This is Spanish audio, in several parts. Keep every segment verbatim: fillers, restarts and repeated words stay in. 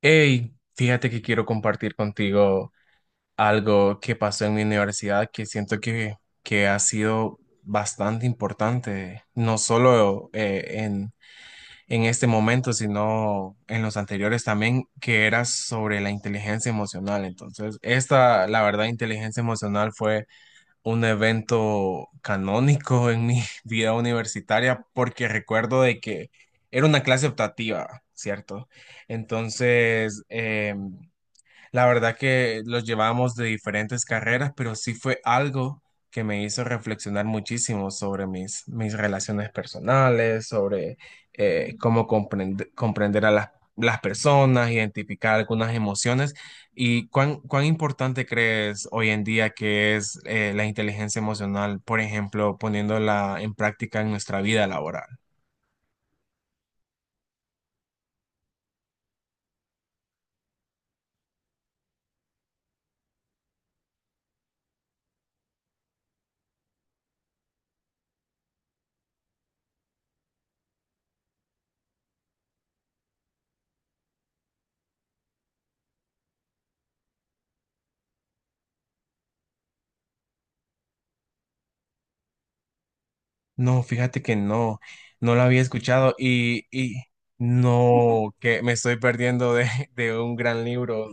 Hey, fíjate que quiero compartir contigo algo que pasó en mi universidad que siento que, que ha sido bastante importante, no solo eh, en, en este momento, sino en los anteriores también, que era sobre la inteligencia emocional. Entonces, esta, la verdad, inteligencia emocional fue un evento canónico en mi vida universitaria porque recuerdo de que era una clase optativa, ¿cierto? Entonces, em, la verdad que los llevábamos de diferentes carreras, pero sí fue algo que me hizo reflexionar muchísimo sobre mis, mis relaciones personales, sobre eh, cómo comprende- comprender a las, las personas, identificar algunas emociones y cuán, cuán importante crees hoy en día que es eh, la inteligencia emocional, por ejemplo, poniéndola en práctica en nuestra vida laboral. No, fíjate que no, no lo había escuchado y, y no, que me estoy perdiendo de, de un gran libro.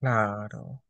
Claro,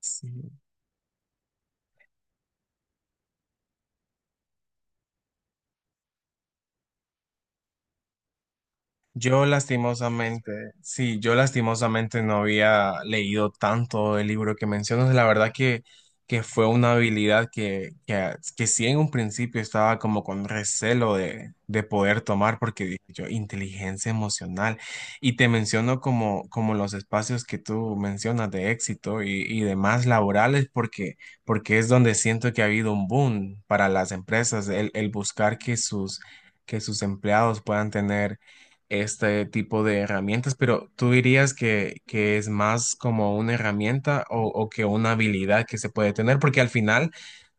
sí. Yo lastimosamente, sí, yo lastimosamente no había leído tanto el libro que mencionas. La verdad que, que fue una habilidad que, que, ah, que sí en un principio estaba como con recelo de, de poder tomar porque dije yo, inteligencia emocional. Y te menciono como, como los espacios que tú mencionas de éxito y, y demás laborales porque, porque es donde siento que ha habido un boom para las empresas, el, el buscar que sus, que sus empleados puedan tener este tipo de herramientas, pero ¿tú dirías que, que es más como una herramienta o, o que una habilidad que se puede tener? Porque al final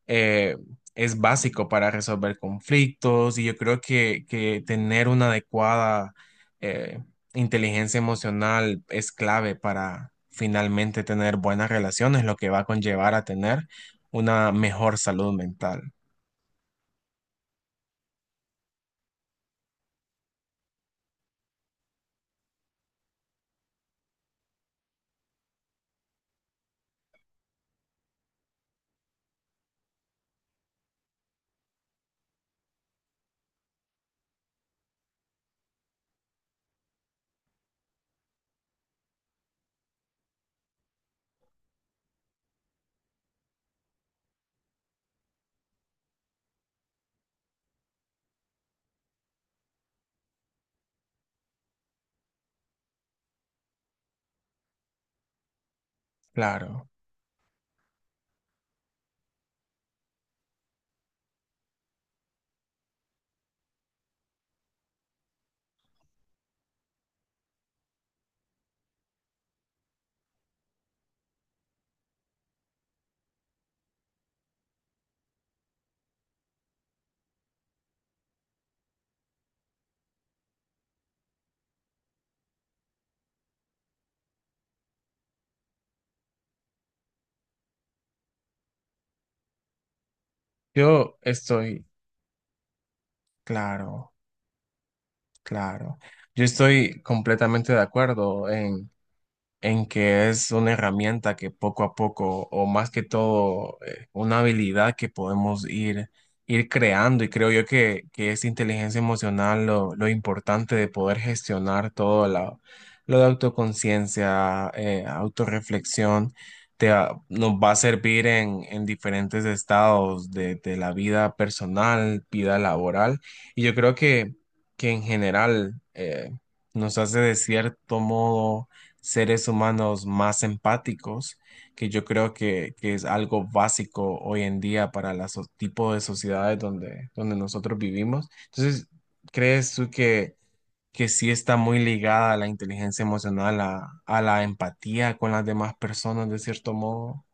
eh, es básico para resolver conflictos y yo creo que, que tener una adecuada eh, inteligencia emocional es clave para finalmente tener buenas relaciones, lo que va a conllevar a tener una mejor salud mental. Claro, yo estoy, claro. Claro, yo estoy completamente de acuerdo en, en que es una herramienta que poco a poco, o más que todo, eh, una habilidad que podemos ir, ir creando. Y creo yo que, que es inteligencia emocional lo, lo importante de poder gestionar todo lo, lo de autoconciencia, eh, autorreflexión. Te, va- nos va a servir en, en diferentes estados de, de la vida personal, vida laboral. Y yo creo que, que en general eh, nos hace de cierto modo seres humanos más empáticos, que yo creo que, que es algo básico hoy en día para los tipos de sociedades donde, donde nosotros vivimos. Entonces, ¿crees tú que, que sí está muy ligada a la inteligencia emocional, a, a la empatía con las demás personas, de cierto modo?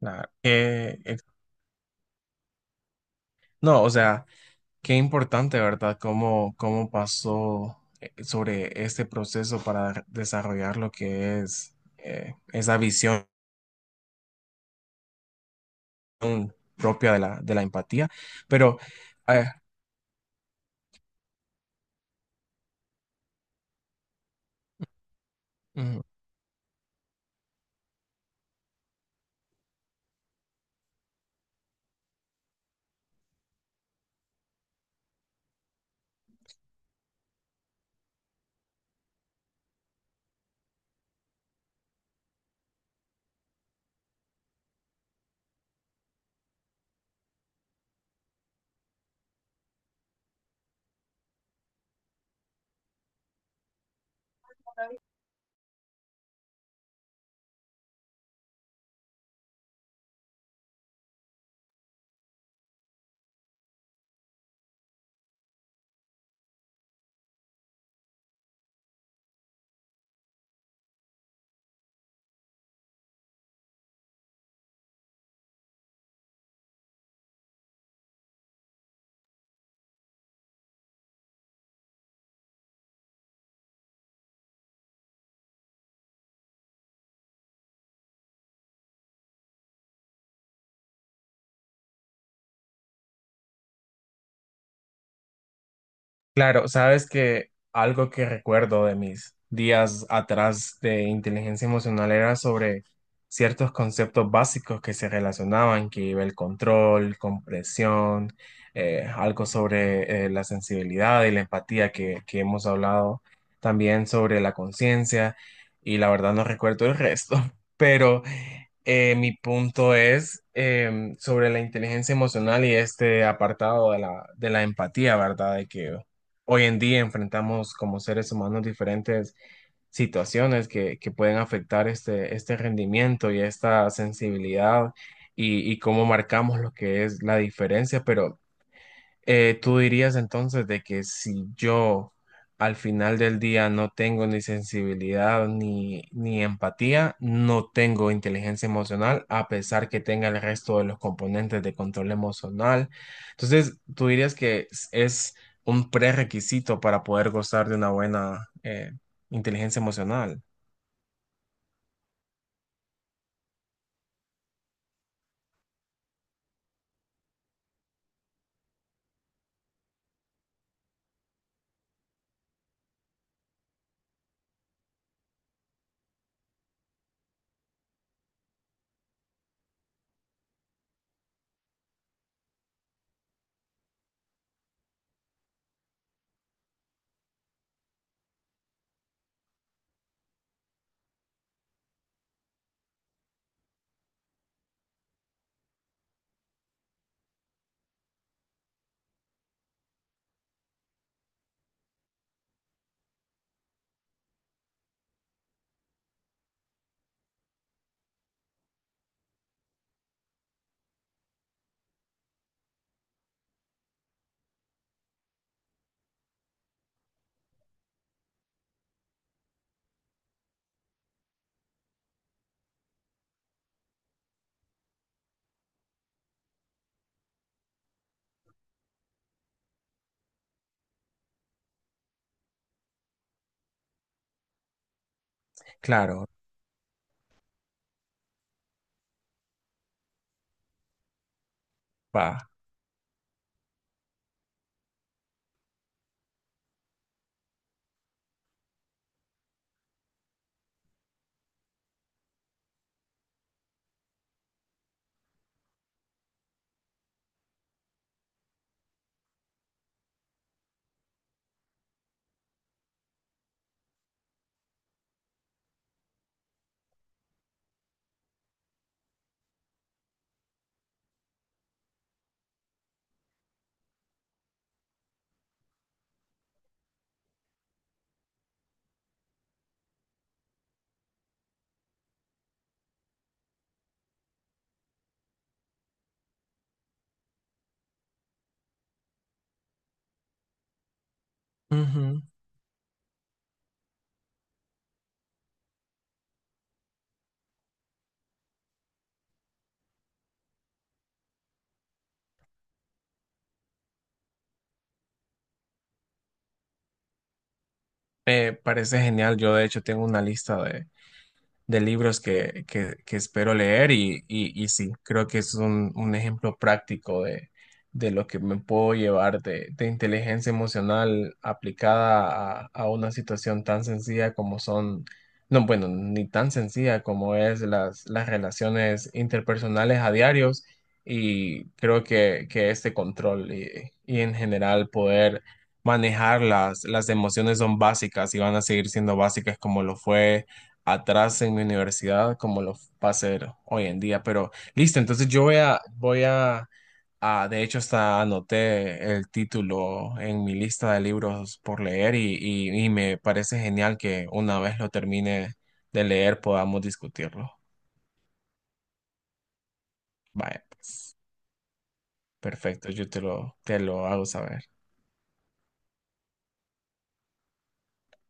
La- que- eh, no, o sea, qué importante, ¿verdad? ¿Cómo, cómo pasó? Eh, sobre este proceso para desarrollar lo que es eh, esa visión propia de la, de la empatía, pero eh, ujú. Claro, sabes que algo que recuerdo de mis días atrás de inteligencia emocional era sobre ciertos conceptos básicos que se relacionaban, que iba el control, compresión, eh, algo sobre eh, la sensibilidad y la empatía que, que hemos hablado, también sobre la conciencia, y la verdad no recuerdo el resto, pero eh, mi punto es em, sobre la inteligencia emocional y este apartado de la, de la empatía, ¿verdad? De que hoy en día enfrentamos como seres humanos diferentes situaciones que, que pueden afectar este, este rendimiento y esta sensibilidad y, y cómo marcamos lo que es la diferencia, pero eh, ¿tú dirías entonces de que si yo al final del día no tengo ni sensibilidad ni, ni empatía, no tengo inteligencia emocional, a pesar que tenga el resto de los componentes de control emocional? Entonces, ¿tú dirías que es es un prerrequisito para poder gozar de una buena eh, inteligencia emocional? Claro, va. Ujú. Eh, parece genial. Yo de hecho tengo una lista de de libros que, que, que espero leer y, y, y sí, creo que es un, un ejemplo práctico de, de lo que me puedo llevar de, de inteligencia emocional aplicada a, a una situación tan sencilla como son, no, bueno, ni tan sencilla como es las, las relaciones interpersonales a diarios y creo que, que este control y, y en general poder manejar las, las emociones son básicas y van a seguir siendo básicas como lo fue atrás en mi universidad como lo va a hacer hoy en día. Pero listo, entonces yo voy a, voy a, a- de hecho hasta anoté el título en mi lista de libros por leer y, y, y me parece genial que una vez lo termine de leer podamos discutirlo. Vaya, pues, perfecto, yo te lo, te lo hago saber.